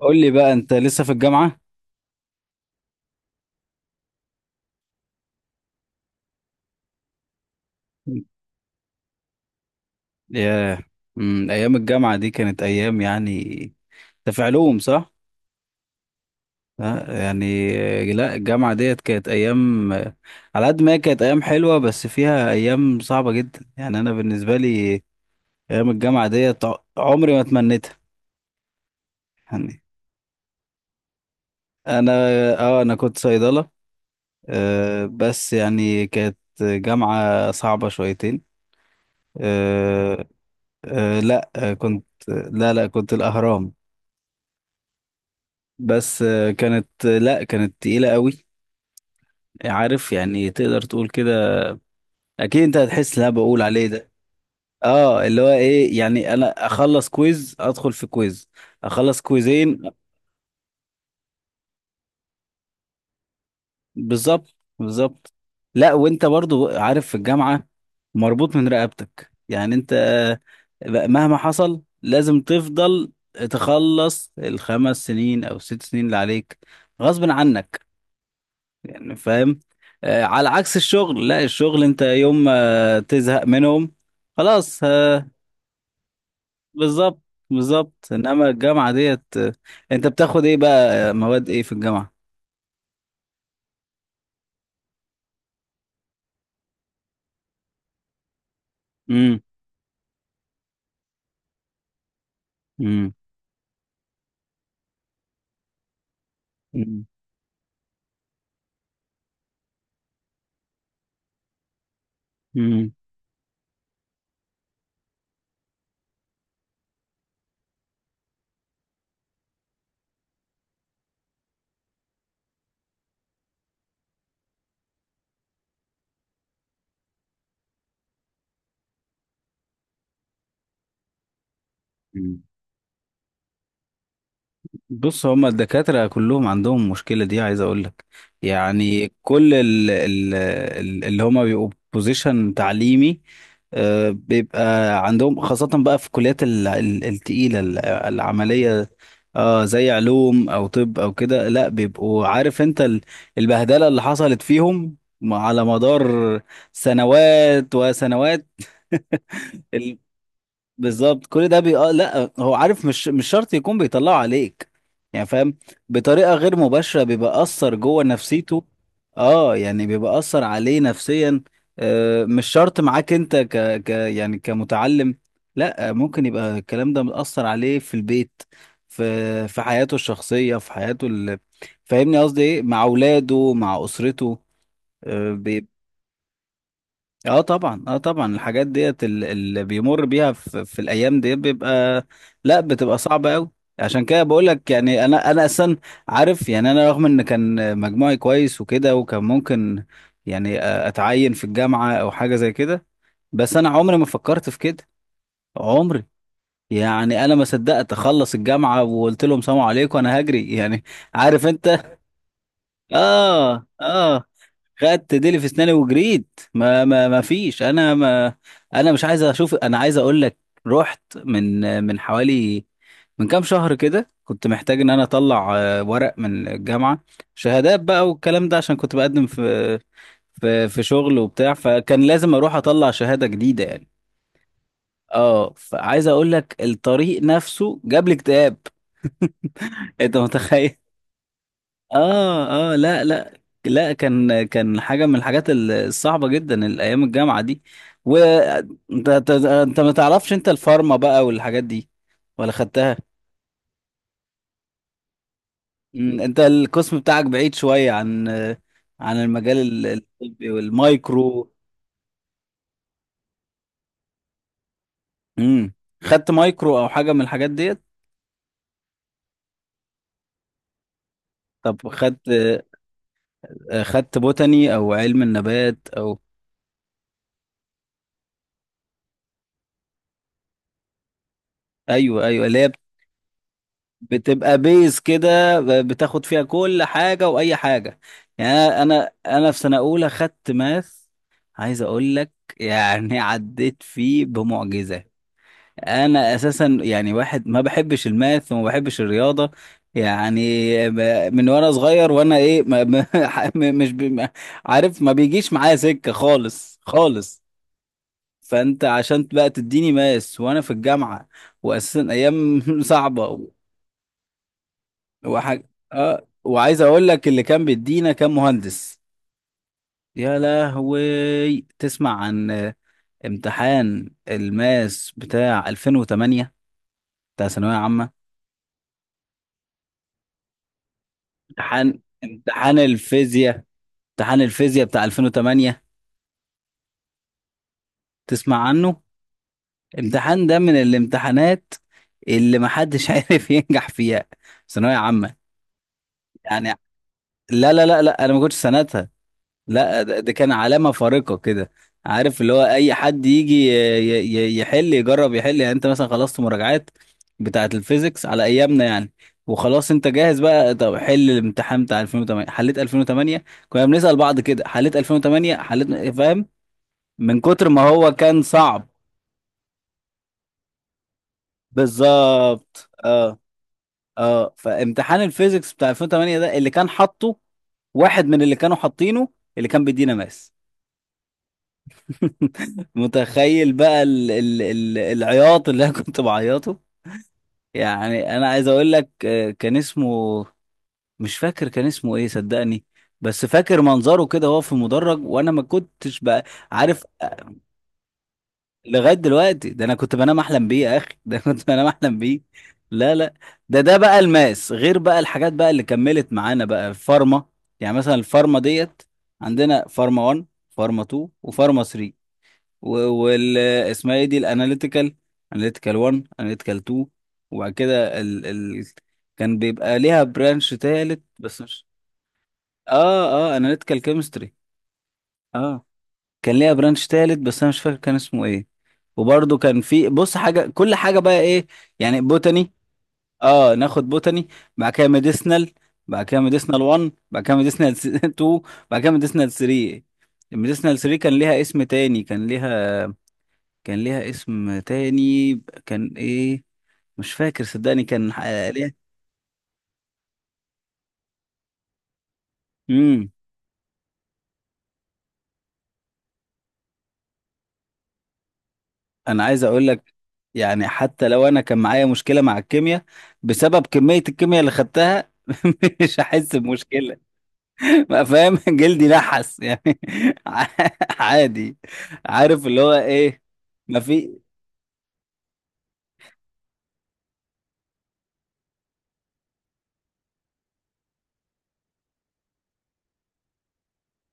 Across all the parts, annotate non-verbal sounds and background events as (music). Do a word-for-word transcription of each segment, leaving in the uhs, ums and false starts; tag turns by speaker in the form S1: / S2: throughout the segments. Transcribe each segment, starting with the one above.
S1: قول لي بقى انت لسه في الجامعة؟ ياه. امم ايام الجامعة دي كانت ايام يعني. انت في علوم صح؟ ها؟ يعني آه، لا الجامعة ديت كانت ايام آه، على قد ما هي كانت ايام حلوة بس فيها ايام صعبة جدا. يعني انا بالنسبة لي ايام الجامعة ديت ع- عمري ما تمنيتها يعني. انا اه انا كنت صيدلة. آه بس يعني كانت جامعة صعبة شويتين. آه آه لا آه، كنت لا لا كنت الاهرام. بس آه، كانت لا كانت تقيلة قوي. عارف يعني تقدر تقول كده. اكيد انت هتحس اللي انا بقول عليه ده. اه اللي هو ايه يعني انا اخلص كويز ادخل في كويز اخلص كويزين. بالظبط بالظبط. لا وانت برضو عارف في الجامعة مربوط من رقبتك يعني انت آه، مهما حصل لازم تفضل تخلص الخمس سنين او ست سنين اللي عليك غصب عنك. يعني فاهم آه، على عكس الشغل. لا الشغل انت يوم ما تزهق منهم خلاص آه، بالظبط بالظبط. انما الجامعة ديت آه، انت بتاخد ايه بقى آه، مواد ايه في الجامعة؟ امم امم امم بص، هما الدكاترة كلهم عندهم المشكلة دي، عايز اقول لك. يعني كل ال ال ال- اللي هما بيبقوا بوزيشن تعليمي آه، بيبقى عندهم، خاصة بقى في الكليات ال- ال- التقيلة ال- العملية. اه زي علوم او طب او كده، لا بيبقوا عارف انت ال- البهدلة اللي حصلت فيهم على مدار سنوات وسنوات (laughs) بالظبط. كل ده بي... آه لا هو عارف. مش مش شرط يكون بيطلعه عليك يعني فاهم. بطريقة غير مباشرة بيبقى أثر جوه نفسيته. اه يعني بيبقى أثر عليه نفسيا. آه مش شرط معاك انت ك... ك يعني كمتعلم. لا آه، ممكن يبقى الكلام ده مأثر عليه في البيت، في في حياته الشخصية، في حياته ال... فاهمني قصدي ايه، مع أولاده مع أسرته. اه طبعا اه طبعا الحاجات ديت ال- اللي بيمر بيها في, في الايام دي بيبقى لا بتبقى صعبه قوي. عشان كده بقول لك يعني انا انا اصلا عارف يعني. انا رغم ان كان مجموعي كويس وكده وكان ممكن يعني اتعين في الجامعه او حاجه زي كده، بس انا عمري ما فكرت في كده. عمري، يعني انا ما صدقت اخلص الجامعه وقلت لهم سلام عليكم انا هجري يعني. عارف انت. اه اه خدت ديلي في اسناني وجريت. ما ما ما فيش انا ما، انا مش عايز اشوف. انا عايز اقول لك، رحت من من حوالي، من كام شهر كده كنت محتاج ان انا اطلع آه، ورق من الجامعة، شهادات بقى والكلام ده، عشان كنت بقدم في في في شغل وبتاع، فكان لازم اروح اطلع شهادة جديدة يعني. اه فعايز اقول لك الطريق نفسه جاب لي اكتئاب. (laughs) انت متخيل؟ اه اه لا لا لا كان كان حاجه من الحاجات ال- الصعبه جدا الايام الجامعه دي. وانت انت أنت أنت ما تعرفش انت الفارما بقى والحاجات دي، ولا خدتها؟ مم، انت القسم بتاعك بعيد شويه عن عن المجال ال- الطبي والمايكرو. امم. خدت مايكرو او حاجه من الحاجات ديت؟ طب خدت خدت بوتاني او علم النبات او؟ ايوه ايوه اللي هي بتبقى بيز كده، بتاخد فيها كل حاجة وأي حاجة. يعني أنا أنا أنا في سنة أولى خدت ماث. عايز أقول لك، يعني (laughs) عديت فيه بمعجزة. أنا أساسا يعني واحد ما بحبش الماث وما بحبش الرياضة يعني. ب- من وأنا صغير وأنا إيه ما ما- (laughs) م- مش بي ما- عارف، ما بيجيش معايا سكة خالص خالص. فأنت عشان بقى تديني ماث وأنا في الجامعة وأساسا أيام (laughs) صعبة. وحاجة اه. وعايز اقول لك اللي كان بيدينا كان مهندس. يا لهوي، تسمع عن آه، امتحان الماس بتاع ألفين وتمنية، بتاع ثانوية عامة؟ امتحان امتحان الفيزياء، امتحان الفيزياء بتاع ألفين وتمنية، تسمع عنه؟ امتحان ده من الامتحانات اللي محدش (laughs) عارف ينجح فيها. ثانوية عامة يعني. لا لا لا لا انا ما كنتش سنتها. لا ده ده كان علامة فارقة كده. عارف اللي هو أي حد يجي ي- ي- يحل، يجرب يحل. يعني أنت مثلا خلصت مراجعات بتاعة الفيزيكس على أيامنا يعني، وخلاص أنت جاهز بقى. طب حل الامتحان بتاع ألفين وتمنية. حليت ألفين وتمنية؟ كنا بنسأل بعض كده: حليت ألفين وتمنية؟ حليت؟ فاهم، من كتر ما هو كان صعب. بالظبط اه اه. فامتحان الفيزيكس بتاع ألفين وتمنية ده اللي كان حاطه واحد من اللي كانوا حاطينه، اللي كان بيدينا ماس (laughs) متخيل بقى ال ال ال العياط اللي انا كنت بعيطه؟ يعني انا عايز اقول لك آه، كان اسمه، مش فاكر كان اسمه ايه صدقني، بس فاكر منظره كده وهو في المدرج، وانا ما كنتش بقى عارف آه، لغاية دلوقتي ده انا كنت بنام احلم بيه يا اخي. (laughs) ده أنا كنت بنام احلم بيه. لا لا، ده ده بقى الماس، غير بقى الحاجات بقى اللي كملت معانا بقى الفارما. يعني مثلا الفارما ديت، عندنا فارما واحد فارما اتنين وفارما تلاتة، وال اسمها ايه دي الاناليتيكال، اناليتيكال واحد اناليتيكال اتنين، وبعد كده ال... ال... كان بيبقى ليها برانش تالت بس مش. اه اه اناليتيكال كيمستري اه. كان ليها برانش تالت بس انا مش فاكر كان اسمه ايه. وبرضه كان في بص، حاجه كل حاجه بقى ايه، يعني بوتاني، اه ناخد بوتاني، بعد كده ميديسنال، بعد كده ميديسنال واحد، بعد كده ميديسنال (laughs) اتنين، بعد كده ميديسنال تلاتة. الميديسنال تلاتة كان ليها اسم تاني، كان ليها كان ليها اسم تاني، كان ايه، مش فاكر صدقني، كان آه، ليها. امم. انا عايز اقول لك، يعني حتى لو انا كان معايا مشكله مع الكيمياء، بسبب كميه الكيمياء اللي خدتها (laughs) مش هحس بمشكله بقى، فاهم؟ (laughs) جلدي نحس يعني. (laughs) عادي. عارف اللي هو ايه؟ ما في.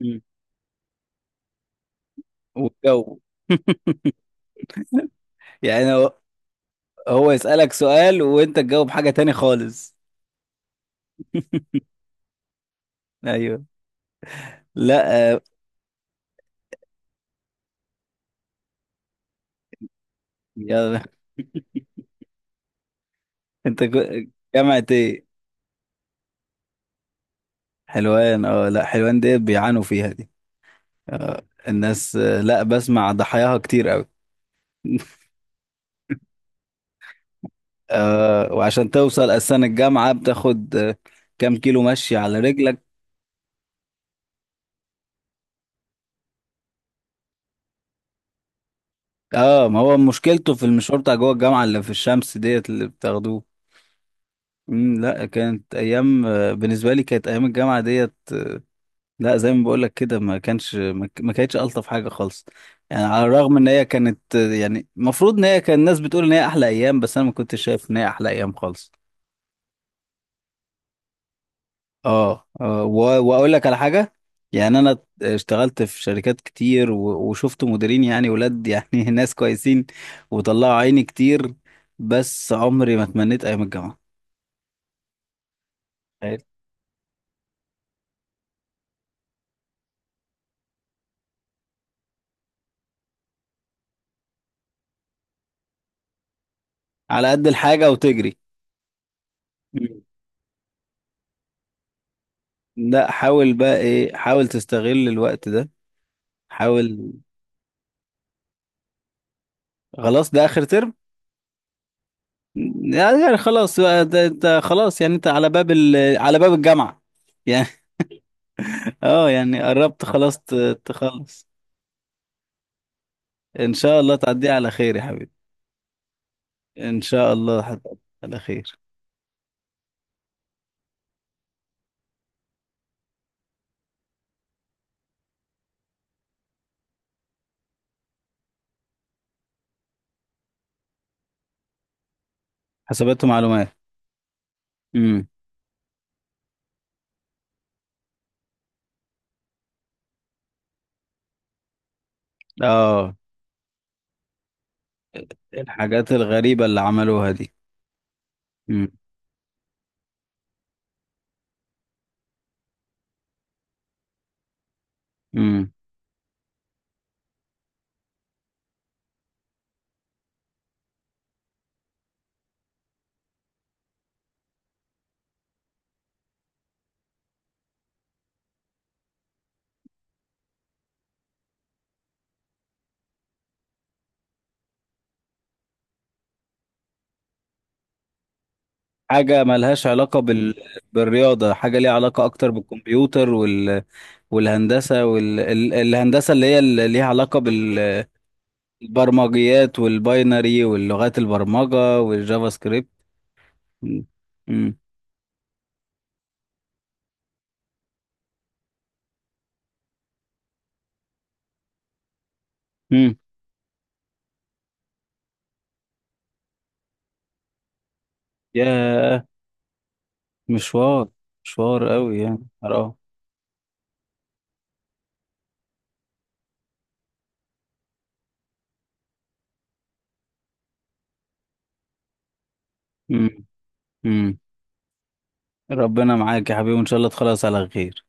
S1: مم. والجو. (laughs) يعني هو، هو يسألك سؤال وانت تجاوب حاجه تاني خالص. ايوه. لا آه، يلا. (laughs) انت ك- جامعة ايه؟ حلوان، اه. لا حلوان ديت بيعانوا فيها دي، آه الناس. آه لا، بسمع ضحاياها كتير قوي. (laughs) آه. وعشان توصل اساسا الجامعة بتاخد آه، كام كيلو مشي على رجلك؟ اه ما هو مشكلته في المشوار بتاع جوه الجامعة اللي في الشمس ديت اللي بتاخدوه. امم. لا كانت ايام آه، بالنسبة لي كانت ايام الجامعة ديت، لا زي ما بقول لك كده، ما كانش ما ما كانتش الطف حاجه خالص، يعني على الرغم ان هي كانت يعني المفروض ان هي كان الناس بتقول ان هي احلى ايام، بس انا ما كنتش شايف ان هي احلى ايام خالص. اه, آه و- واقول لك على حاجه، يعني انا اشتغلت في شركات كتير و- وشفت مديرين يعني ولاد يعني (laughs) ناس كويسين وطلعوا عيني كتير، بس عمري ما تمنيت ايام الجامعه. تخيل. على قد الحاجه وتجري. مم. لا حاول بقى ايه، حاول تستغل الوقت ده. حاول، خلاص ده اخر ترم، يعني يعني خلاص بقى ده انت خلاص يعني انت على باب ال... على باب الجامعة يعني. (laughs) اه يعني قربت خلاص ت- تخلص. ان شاء الله تعديها على خير يا حبيبي. ان شاء الله هتعدي على خير. حسابات ومعلومات. امم. اه، الحاجات الغريبة اللي عملوها دي. امم. امم. حاجة ملهاش علاقة بال... بالرياضة، حاجة ليها علاقة أكتر بالكمبيوتر وال... والهندسة وال... ال- الهندسة اللي هي اللي ليها علاقة بال... البرمجيات والباينري واللغات البرمجة والجافا سكريبت. مم. مم. مم. ياه، مشوار، مشوار قوي يعني. اه. مم. مم. ربنا معاك يا حبيبي وان شاء الله تخلص على خير.